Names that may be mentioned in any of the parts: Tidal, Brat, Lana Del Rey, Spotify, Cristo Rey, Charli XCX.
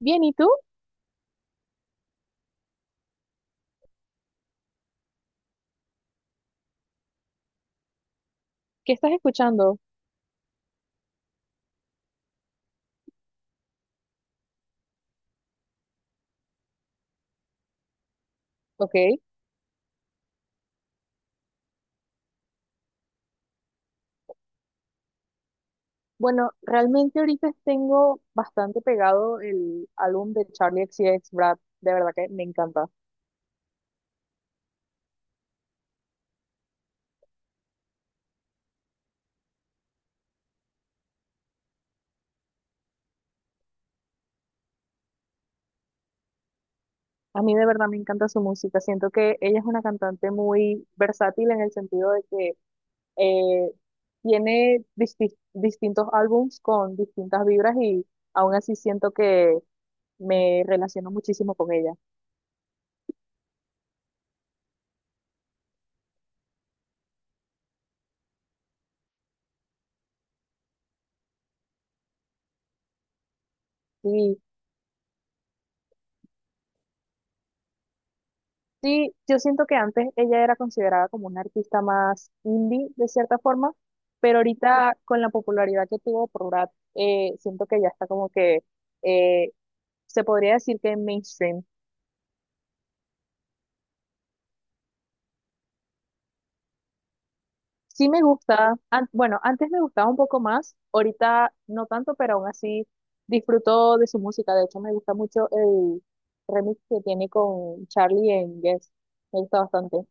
Bien, ¿y tú? ¿Qué estás escuchando? Ok. Bueno, realmente ahorita tengo bastante pegado el álbum de Charlie X XCX Brad. De verdad que me encanta. A mí de verdad me encanta su música. Siento que ella es una cantante muy versátil en el sentido de que eh, tiene distintos álbums con distintas vibras y aún así siento que me relaciono muchísimo con ella. Sí. Sí, yo siento que antes ella era considerada como una artista más indie, de cierta forma, pero ahorita con la popularidad que tuvo por Brat, siento que ya está como que eh, se podría decir que mainstream. Sí me gusta, bueno, antes me gustaba un poco más, ahorita no tanto, pero aún así disfruto de su música. De hecho, me gusta mucho el remix que tiene con Charlie en Guess. Me gusta bastante.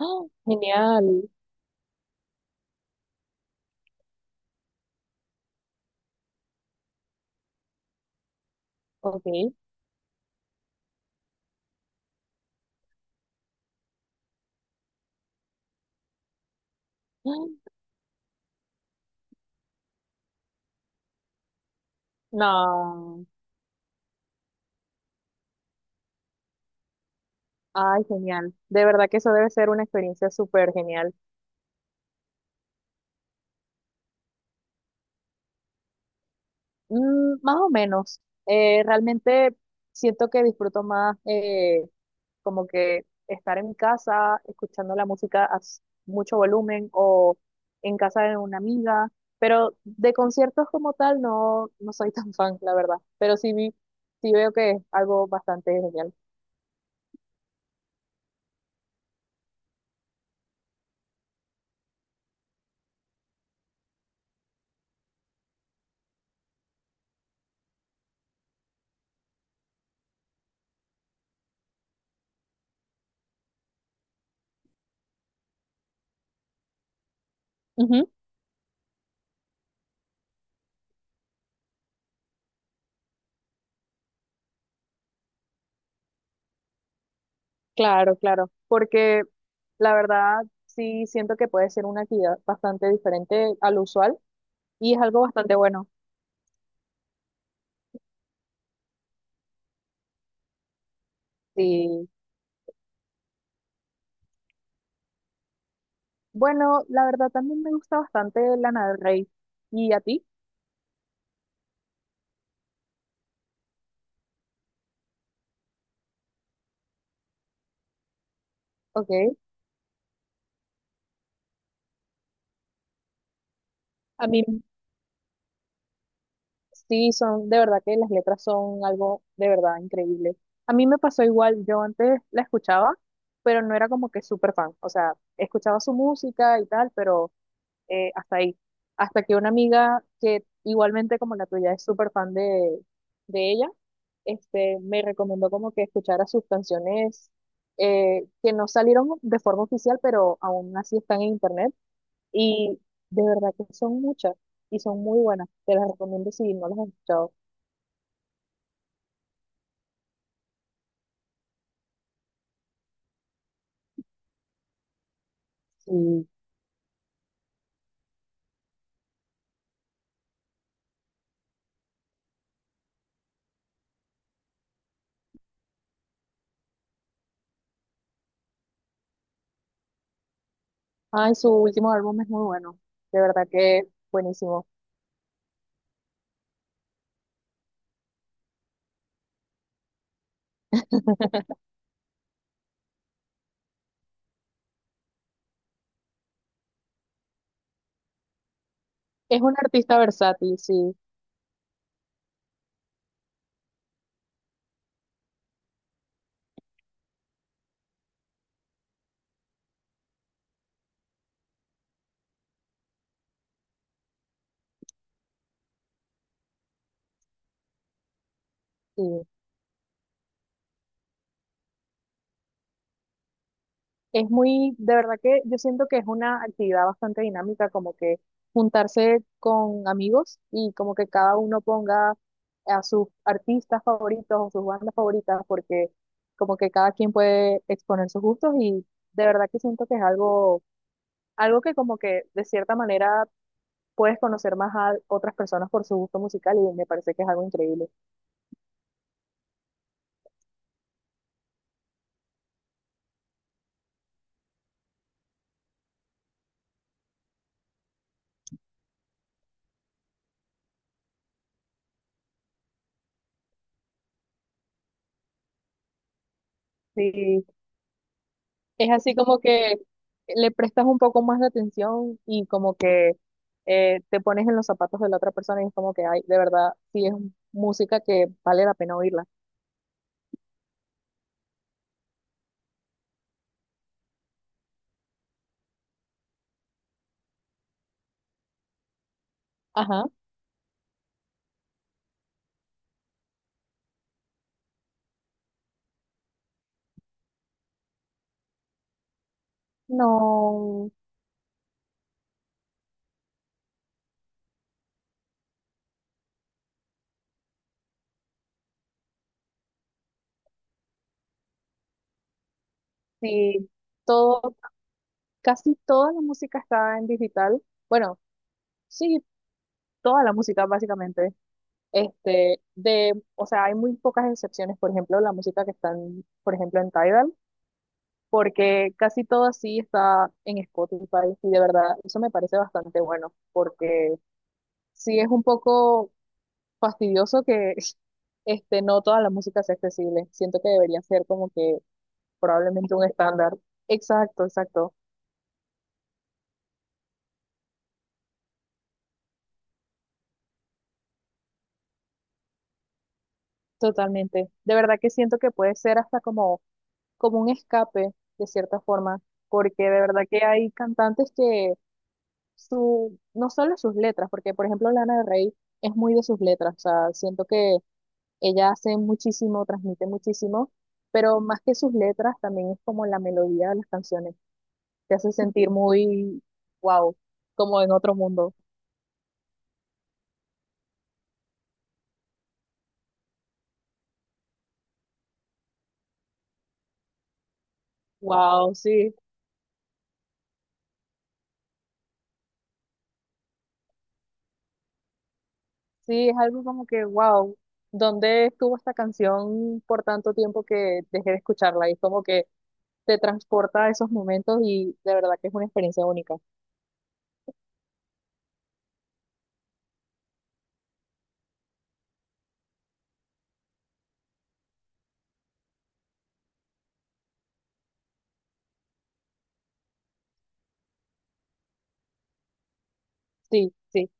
¡Ah! Genial. Ok. ¡Ah! No. Ay, genial. De verdad que eso debe ser una experiencia súper genial. Mm, más o menos. Realmente siento que disfruto más como que estar en mi casa escuchando la música a mucho volumen o en casa de una amiga. Pero de conciertos como tal no, no soy tan fan, la verdad. Pero sí, sí veo que es algo bastante genial. Ujú. Claro, claro, porque la verdad sí siento que puede ser una actividad bastante diferente al usual. Y es algo bastante bueno. Sí. Bueno, la verdad también me gusta bastante Lana del Rey. ¿Y a ti? Ok. A mí sí son, de verdad que las letras son algo de verdad increíble. A mí me pasó igual, yo antes la escuchaba, pero no era como que súper fan. O sea, escuchaba su música y tal, pero hasta ahí. Hasta que una amiga que igualmente como la tuya es súper fan de ella, este, me recomendó como que escuchara sus canciones que no salieron de forma oficial, pero aún así están en internet. Y de verdad que son muchas y son muy buenas. Te las recomiendo si no las has escuchado. Sí. Ay, su último álbum es muy bueno. De verdad que buenísimo. Es un artista versátil, sí. Sí. Es muy, de verdad que yo siento que es una actividad bastante dinámica, como que juntarse con amigos y como que cada uno ponga a sus artistas favoritos o sus bandas favoritas, porque como que cada quien puede exponer sus gustos y de verdad que siento que es algo, algo que como que de cierta manera puedes conocer más a otras personas por su gusto musical y me parece que es algo increíble. Sí, es así como que le prestas un poco más de atención y como que te pones en los zapatos de la otra persona y es como que, ay, de verdad, sí es música que vale la pena oírla. Ajá. No, sí, todo, casi toda la música está en digital. Bueno, sí, toda la música básicamente. O sea, hay muy pocas excepciones, por ejemplo, la música que está en, por ejemplo, en Tidal. Porque casi todo sí está en Spotify y de verdad eso me parece bastante bueno, porque sí es un poco fastidioso que este, no toda la música sea accesible. Siento que debería ser como que probablemente un estándar. Exacto, exacto, totalmente. De verdad que siento que puede ser hasta como, como un escape, de cierta forma, porque de verdad que hay cantantes que su, no solo sus letras, porque por ejemplo Lana del Rey es muy de sus letras, o sea, siento que ella hace muchísimo, transmite muchísimo, pero más que sus letras, también es como la melodía de las canciones. Te hace sentir muy, wow, como en otro mundo. Wow, sí, sí, es algo como que, wow, ¿dónde estuvo esta canción por tanto tiempo que dejé de escucharla? Y es como que te transporta a esos momentos y de verdad que es una experiencia única. Sí, sí.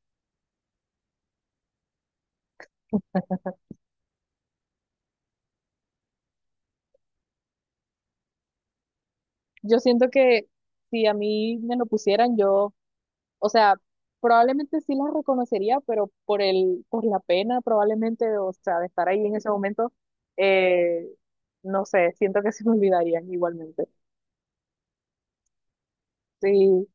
Yo siento que si a mí me lo pusieran, yo, o sea, probablemente sí las reconocería, pero por el, por la pena probablemente, o sea, de estar ahí en ese momento, eh, no sé, siento que se me olvidarían igualmente. Sí,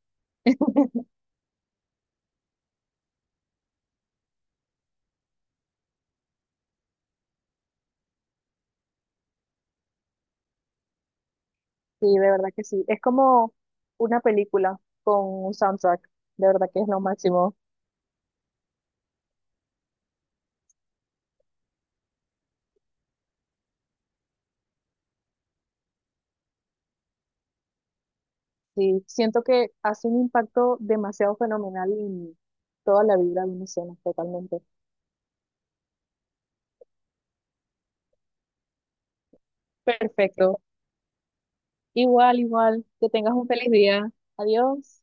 sí, de verdad que sí. Es como una película con un soundtrack, de verdad que es lo máximo. Sí, siento que hace un impacto demasiado fenomenal en toda la vida de una escena, totalmente. Perfecto. Igual, igual, que tengas un feliz día. Adiós.